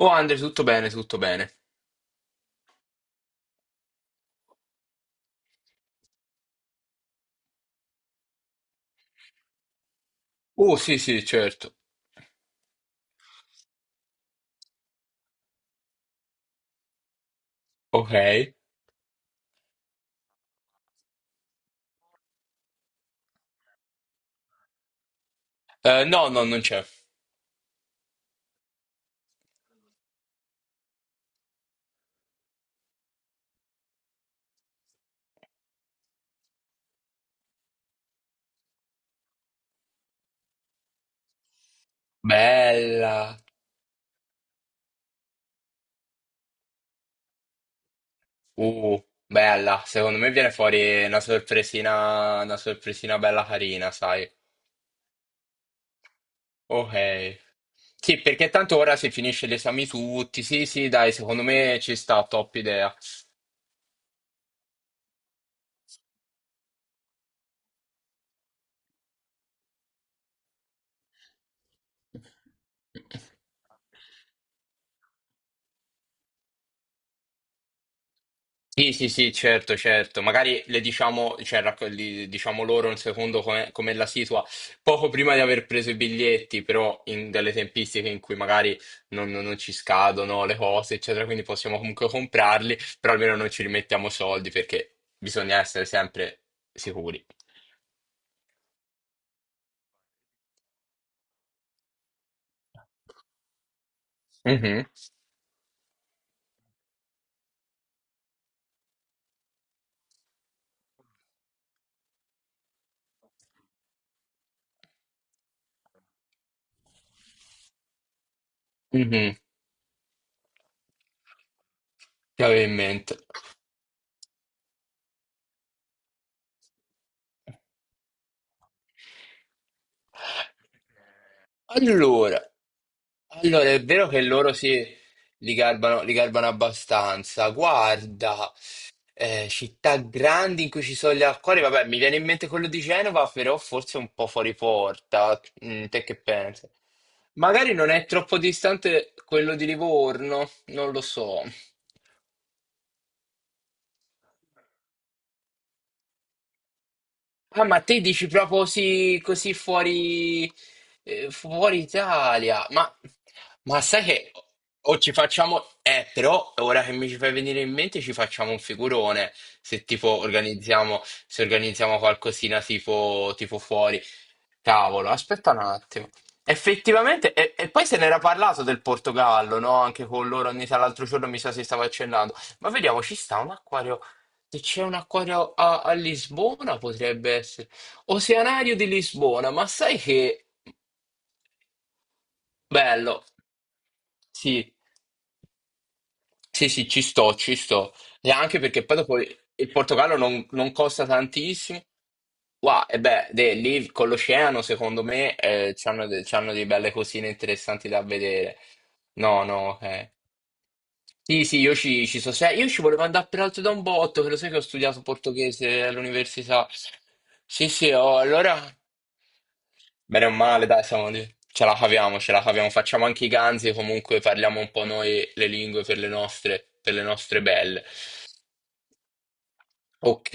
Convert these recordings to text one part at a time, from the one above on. Oh Andre, tutto bene, tutto bene. Oh sì, sì, certo. Ok. No, no, non c'è. Bella. Uh, bella. Secondo me viene fuori una sorpresina bella carina, sai. Ok. Sì, perché tanto ora si finisce gli esami tutti. Sì, sì, dai, secondo me ci sta, top idea. Sì, sì, sì, certo, certo. Magari le diciamo, cioè, diciamo loro un secondo come, come la situa, poco prima di aver preso i biglietti, però in delle tempistiche in cui magari non ci scadono le cose, eccetera, quindi possiamo comunque comprarli, però almeno non ci rimettiamo soldi perché bisogna essere sempre sicuri. Mhm, mhm, che avevo in mente. Allora. Allora, è vero che loro sì, li garbano abbastanza. Guarda, città grandi in cui ci sono gli acquari, vabbè, mi viene in mente quello di Genova, però forse un po' fuori porta. Mm, te che pensi? Magari non è troppo distante quello di Livorno, non lo so. Ah, ma te dici proprio sì, così fuori, fuori Italia? Ma sai che o ci facciamo. Però ora che mi ci fai venire in mente ci facciamo un figurone se tipo organizziamo, se organizziamo qualcosina tipo fuori. Cavolo, aspetta un attimo. Effettivamente, e poi se n'era parlato del Portogallo, no? Anche con loro, ogni tra l'altro giorno mi sa si stava accennando. Ma vediamo, ci sta un acquario. Se c'è un acquario a Lisbona, potrebbe essere. Oceanario di Lisbona, ma sai che bello. Sì. Sì, sì, ci sto, ci sto. E anche perché poi dopo il Portogallo non costa tantissimo. Wow, e beh, lì con l'oceano, secondo me, c'hanno delle belle cosine interessanti da vedere. No, no, ok. Sì, sì, io ci so. Io ci volevo andare peraltro da un botto, che lo sai che ho studiato portoghese all'università. Sì, sì, oh, allora. Bene o male, dai, siamo lì. Ce la caviamo, ce la caviamo. Facciamo anche i ganzi, comunque parliamo un po' noi le lingue per le nostre belle. Ok.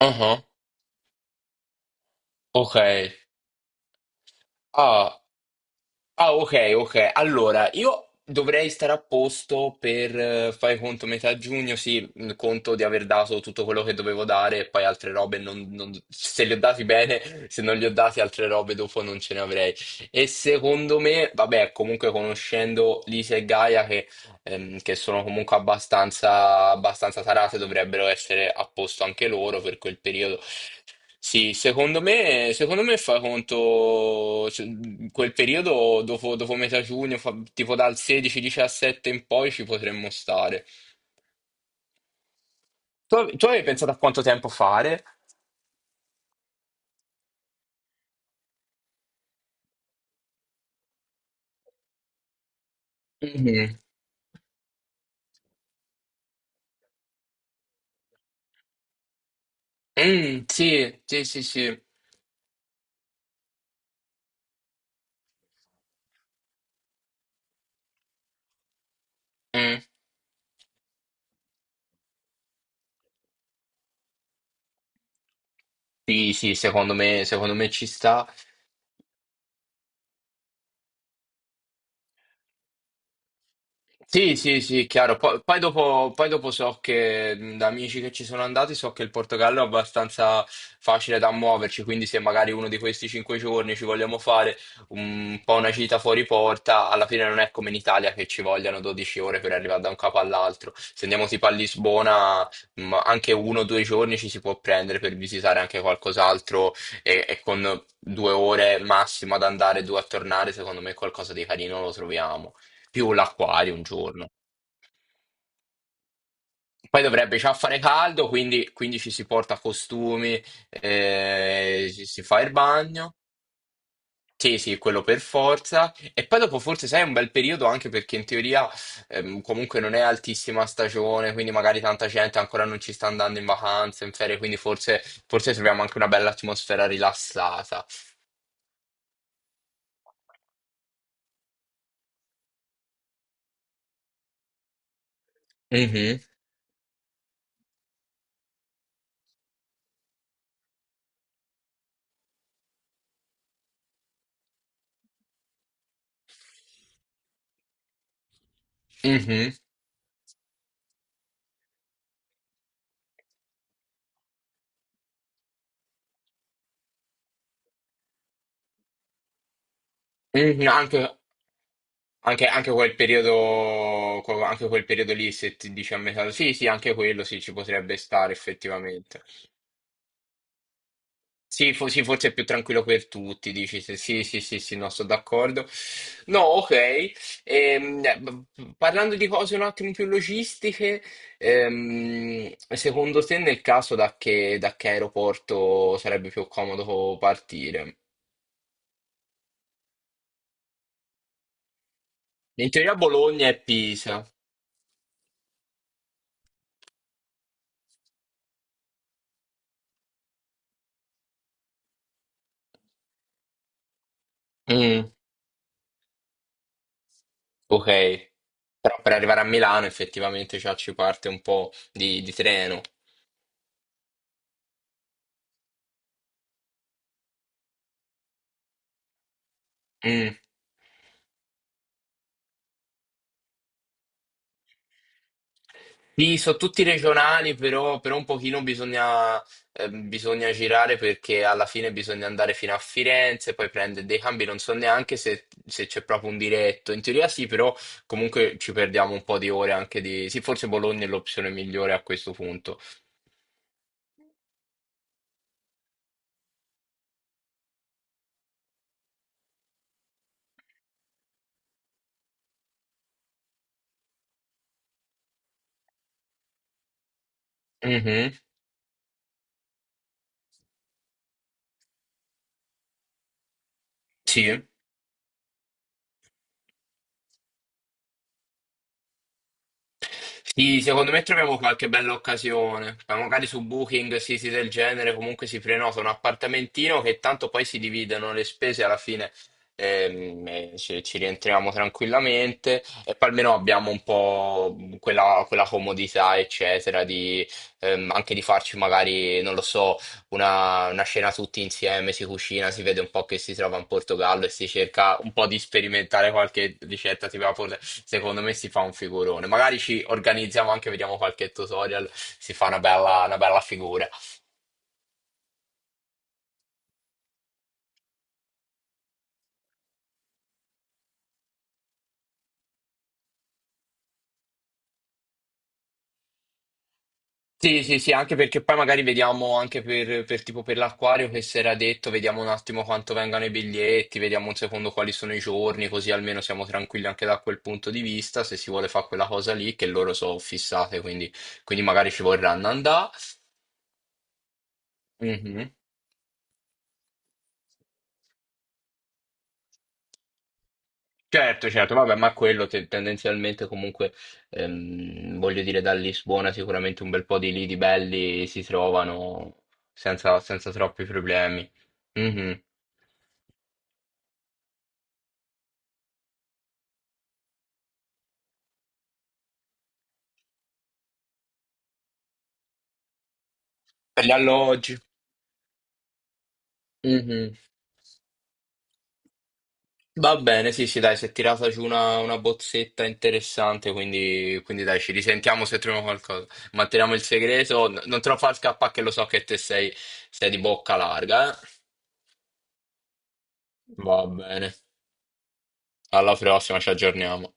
uh Ok. Ah. Ah, ok, ok. Allora, io dovrei stare a posto per, fai conto, metà giugno, sì, conto di aver dato tutto quello che dovevo dare e poi altre robe, se li ho dati bene, se non li ho dati altre robe dopo non ce ne avrei. E secondo me, vabbè, comunque conoscendo Lisa e Gaia, che sono comunque abbastanza, abbastanza tarate, dovrebbero essere a posto anche loro per quel periodo. Sì, secondo me fa conto cioè, quel periodo dopo, dopo metà giugno, tipo dal 16-17 in poi ci potremmo stare. Tu avevi pensato a quanto tempo fare? Mm. Mm, sì, sì, sì, sì. Mm. Sì, sì, secondo me ci sta. Sì, sì, sì, chiaro. Poi dopo so che da amici che ci sono andati so che il Portogallo è abbastanza facile da muoverci, quindi se magari uno di questi 5 giorni ci vogliamo fare un po' una gita fuori porta, alla fine non è come in Italia che ci vogliono 12 ore per arrivare da un capo all'altro. Se andiamo tipo a Lisbona, anche 1 o 2 giorni ci si può prendere per visitare anche qualcos'altro e con 2 ore massimo ad andare e due a tornare, secondo me qualcosa di carino lo troviamo più l'acquario un giorno. Poi dovrebbe già fare caldo, quindi ci si porta costumi, ci si fa il bagno. Sì, sì, quello per forza. E poi dopo forse sai è un bel periodo anche perché in teoria comunque non è altissima stagione, quindi magari tanta gente ancora non ci sta andando in vacanza, in ferie, quindi forse troviamo anche una bella atmosfera rilassata. Mhm, mhm, mhm. Anche quel periodo, anche quel periodo lì, se ti dici a metà, sì, sì, anche quello sì, ci potrebbe stare effettivamente. Sì, sì, forse è più tranquillo per tutti, dici sì, sì, sì, sì, no, sono d'accordo. No, ok. Parlando di cose un attimo più logistiche, secondo te nel caso da che aeroporto sarebbe più comodo partire? In teoria Bologna e Pisa. Mm, ok. Però per arrivare a Milano effettivamente già ci parte un po' di treno. Mm. Sì, sono tutti regionali, però un pochino bisogna, bisogna girare perché alla fine bisogna andare fino a Firenze, poi prendere dei cambi, non so neanche se c'è proprio un diretto. In teoria sì, però comunque ci perdiamo un po' di ore anche di. Sì, forse Bologna è l'opzione migliore a questo punto. Mhm. Sì. Sì, secondo me troviamo qualche bella occasione, ma magari su Booking, siti del genere, comunque si prenota un appartamentino che tanto poi si dividono le spese alla fine e ci rientriamo tranquillamente e poi almeno abbiamo un po' quella comodità, eccetera, anche di farci magari, non lo so, una cena tutti insieme, si cucina, si vede un po' che si trova in Portogallo e si cerca un po' di sperimentare qualche ricetta tipo Napoli. Secondo me si fa un figurone. Magari ci organizziamo anche, vediamo qualche tutorial, si fa una bella figura. Sì, sì, sì, anche perché poi magari vediamo anche per tipo per l'acquario che si era detto, vediamo un attimo quanto vengano i biglietti, vediamo un secondo quali sono i giorni, così almeno siamo tranquilli anche da quel punto di vista, se si vuole fare quella cosa lì, che loro sono fissate, quindi magari ci vorranno andare. Mhm. Certo, certo, vabbè, ma quello tendenzialmente comunque, voglio dire, da Lisbona sicuramente un bel po' di lidi belli si trovano senza troppi problemi. Mhm. Per gli alloggi. Mhm. Va bene, sì, sì, dai, si è tirata giù una bozzetta interessante, quindi dai, ci risentiamo se troviamo qualcosa. Manteniamo il segreto, non te lo far scappare che lo so che te sei di bocca larga, eh. Va bene, alla prossima, ci aggiorniamo.